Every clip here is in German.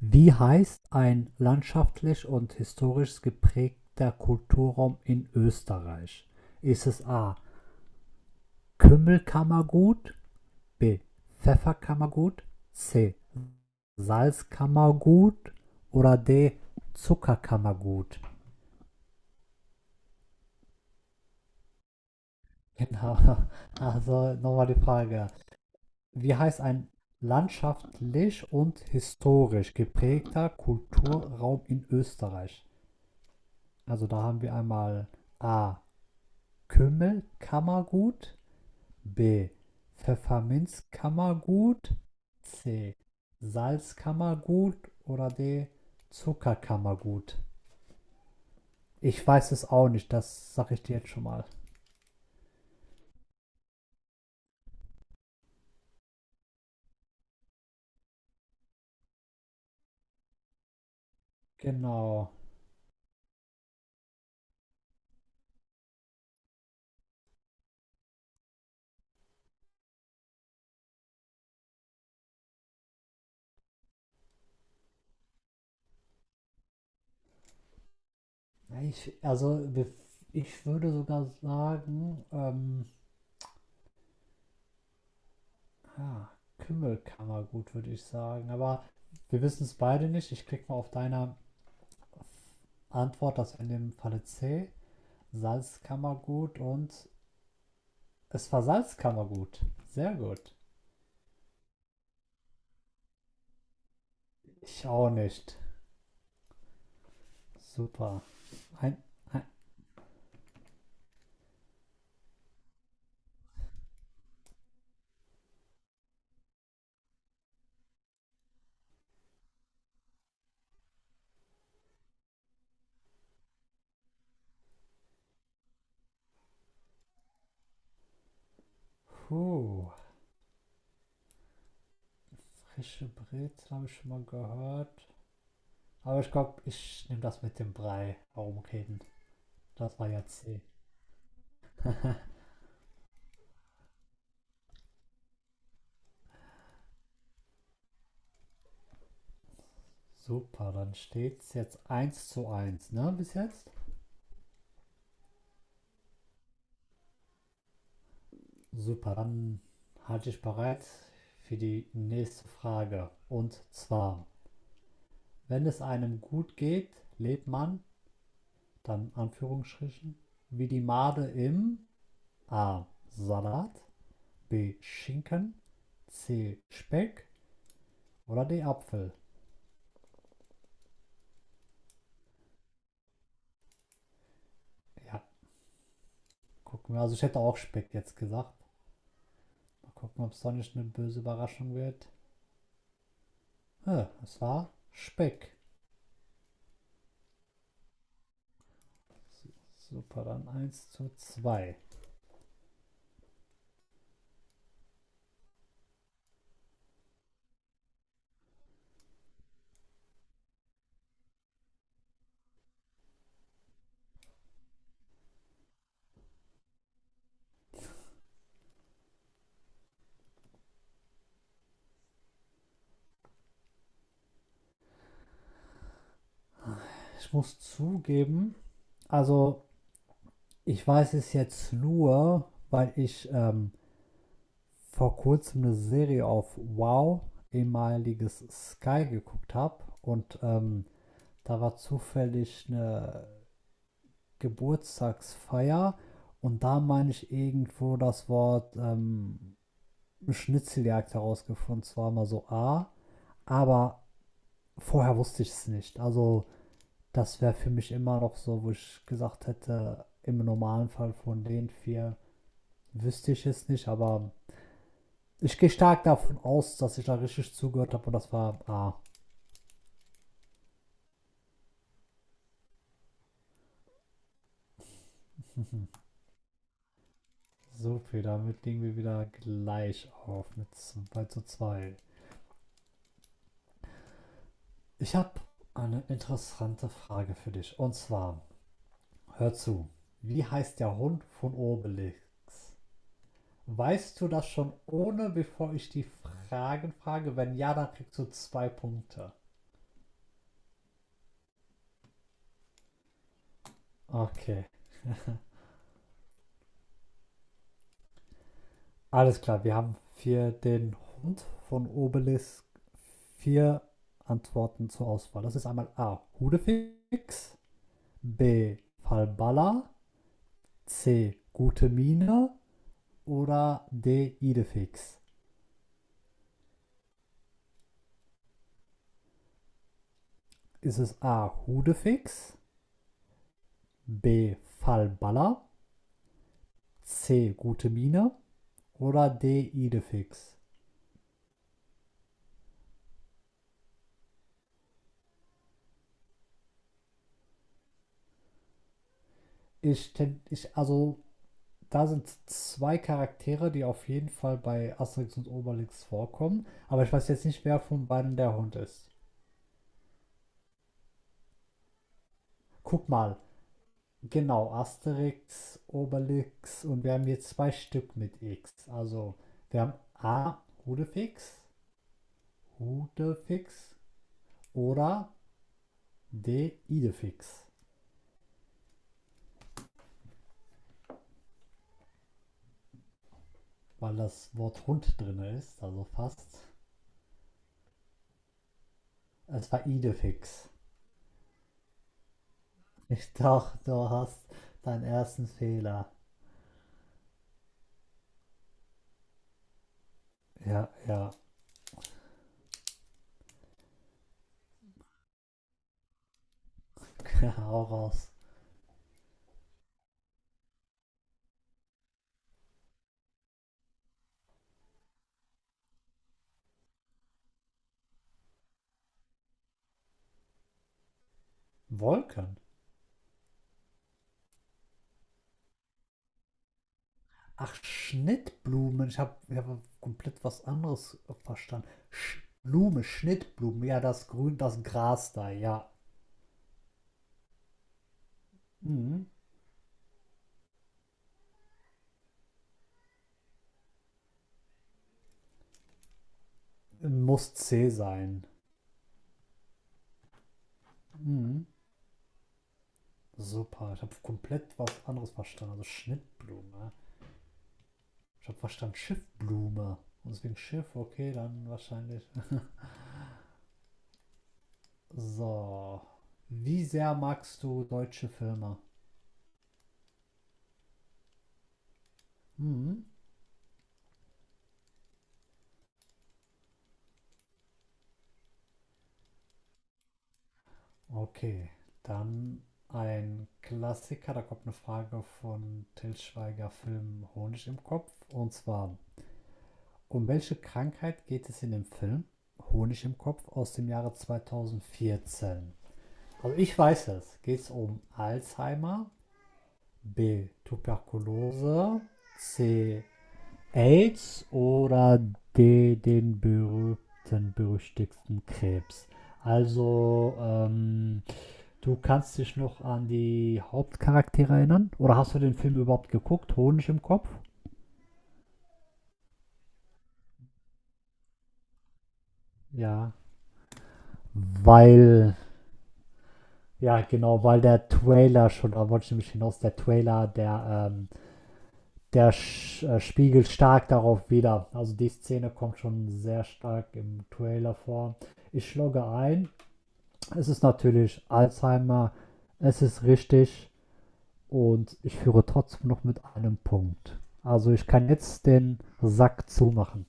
Wie heißt ein landschaftlich und historisch geprägter Kulturraum in Österreich? Ist es A. Kümmelkammergut, B. Pfefferkammergut, C. Salzkammergut oder D. Zuckerkammergut? Genau. Also nochmal die Frage. Wie heißt ein landschaftlich und historisch geprägter Kulturraum in Österreich? Also da haben wir einmal A. Kümmelkammergut, B. Pfefferminzkammergut, C. Salzkammergut oder D. Zuckerkammergut. Ich weiß es auch nicht, das sage ich dir jetzt schon mal. Genau. Ja, also, ich würde sogar sagen, ah, Kümmelkammergut würde ich sagen. Aber wir wissen es beide nicht. Ich klicke mal auf deine Antwort, das wäre in dem Falle C. Salzkammergut, und es war Salzkammergut. Sehr gut. Ich auch nicht. Super. Ein, ein, puh. Frische Brezel habe ich schon mal gehört. Aber ich glaube, ich nehme das mit dem Brei herumreden. Das war ja C. Super, dann steht es jetzt 1-1, ne, bis jetzt? Super, dann halte ich bereit für die nächste Frage. Und zwar, wenn es einem gut geht, lebt man, dann Anführungsstrichen, wie die Made im A. Salat, B. Schinken, C. Speck oder D. Apfel. Ja, gucken wir. Also ich hätte auch Speck jetzt gesagt. Mal gucken, ob es doch nicht eine böse Überraschung wird. Ja, es war Speck. So, Super, dann 1-2. Ich muss zugeben, also ich weiß es jetzt nur, weil ich vor kurzem eine Serie auf Wow, ehemaliges Sky, geguckt habe. Und da war zufällig eine Geburtstagsfeier und da meine ich irgendwo das Wort Schnitzeljagd herausgefunden, zwar mal so A, aber vorher wusste ich es nicht. Also das wäre für mich immer noch so, wo ich gesagt hätte, im normalen Fall von den vier wüsste ich es nicht, aber ich gehe stark davon aus, dass ich da richtig zugehört habe und das war A. So viel, damit liegen wir wieder gleich auf mit 2-2. Ich habe eine interessante Frage für dich, und zwar, hör zu. Wie heißt der Hund von Obelix? Weißt du das schon ohne, bevor ich die Fragen frage? Wenn ja, dann kriegst du zwei Punkte. Okay. Alles klar, wir haben für den Hund von Obelix vier Antworten zur Auswahl. Das ist einmal A. Hudefix, B. Falbala, C. Gute Miene oder D. Idefix. Ist es A. Hudefix, B. Falbala, C. Gute Mine oder D. Idefix? Ich, also, da sind zwei Charaktere, die auf jeden Fall bei Asterix und Obelix vorkommen. Aber ich weiß jetzt nicht, wer von beiden der Hund ist. Guck mal. Genau, Asterix, Obelix, und wir haben hier zwei Stück mit X. Also, wir haben A. Hudefix, Hudefix oder D. Idefix. Weil das Wort Hund drin ist, also fast. Es war Idefix. Ich dachte, du hast deinen ersten Fehler. Ja, ja. Hau raus. Wolken. Ach, Schnittblumen. Ich habe hab komplett was anderes verstanden. Sch Blume, Schnittblumen. Ja, das Grün, das Gras da. Ja. Mhm. Muss C sein. Mhm. Super. Ich habe komplett was anderes verstanden. Also Schnittblume. Ich habe verstanden Schiffblume. Und deswegen Schiff, okay, dann wahrscheinlich. So. Wie sehr magst du deutsche Filme? Mhm. Okay, dann ein Klassiker. Da kommt eine Frage von Til Schweiger Film Honig im Kopf. Und zwar, um welche Krankheit geht es in dem Film Honig im Kopf aus dem Jahre 2014? Also ich weiß es. Geht es um Alzheimer, B, Tuberkulose, C, AIDS oder den berühmten, berüchtigten Krebs. Also, du kannst dich noch an die Hauptcharaktere erinnern? Oder hast du den Film überhaupt geguckt? Honig im Kopf? Ja. Weil, ja, genau, weil der Trailer schon, da wollte ich nämlich hinaus, der Trailer, der spiegelt stark darauf wieder. Also, die Szene kommt schon sehr stark im Trailer vor. Ich logge ein. Es ist natürlich Alzheimer, es ist richtig, und ich führe trotzdem noch mit einem Punkt. Also ich kann jetzt den Sack zumachen.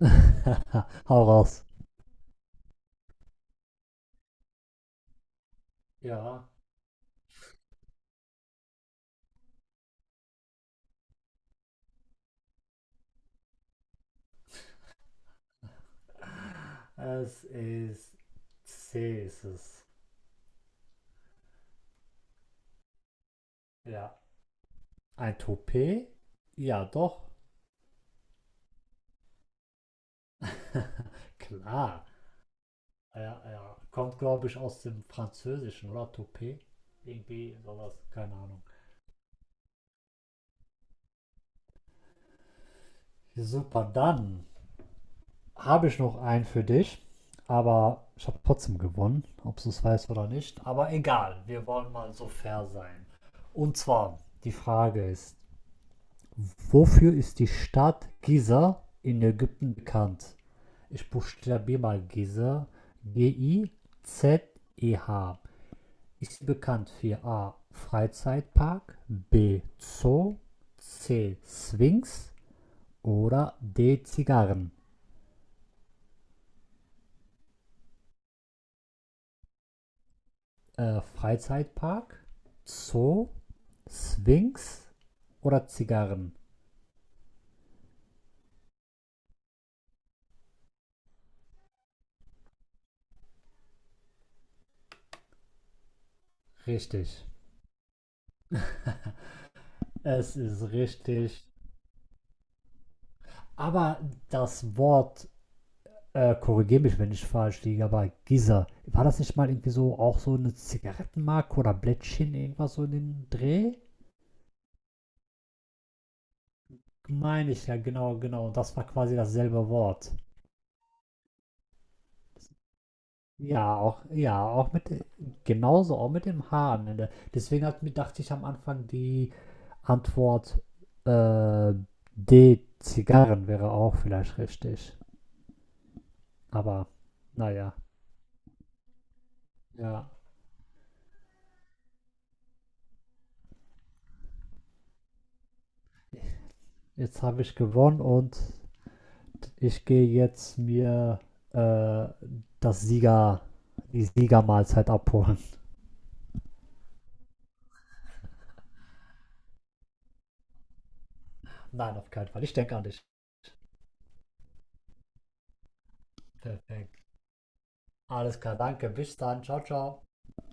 Hau raus. Ja. Es ist C ist es. Ja. Ein Toupet? Ja, doch. Klar. Ja, ja. Kommt, glaube ich, aus dem Französischen, oder? Toupet? Irgendwie sowas. Keine Ahnung. Super, dann habe ich noch einen für dich, aber ich habe trotzdem gewonnen, ob du es weißt oder nicht. Aber egal, wir wollen mal so fair sein. Und zwar, die Frage ist, wofür ist die Stadt Giza in Ägypten bekannt? Ich buchstabiere mal Giza: Gizeh. Ist sie bekannt für A. Freizeitpark, B. Zoo, C. Sphinx oder D. Zigarren? Freizeitpark, Zoo, Sphinx oder Zigarren? Richtig. Es ist richtig. Aber das Wort, korrigiere mich, wenn ich falsch liege, aber Giza, war das nicht mal irgendwie so auch so eine Zigarettenmarke oder Blättchen, irgendwas so in dem Dreh? Meine ich ja, genau, genau. Und das war quasi dasselbe Wort. Ja, auch mit, genauso, auch mit dem H am Ende. Deswegen hat, dachte ich am Anfang, die Antwort äh, D, Zigarren wäre auch vielleicht richtig. Aber naja, ja. Jetzt habe ich gewonnen, und ich gehe jetzt mir äh, das Sieger, die Siegermahlzeit abholen. Nein, auf keinen Fall. Ich denke an dich. Perfekt. Alles klar, danke. Bis dann. Ciao, ciao.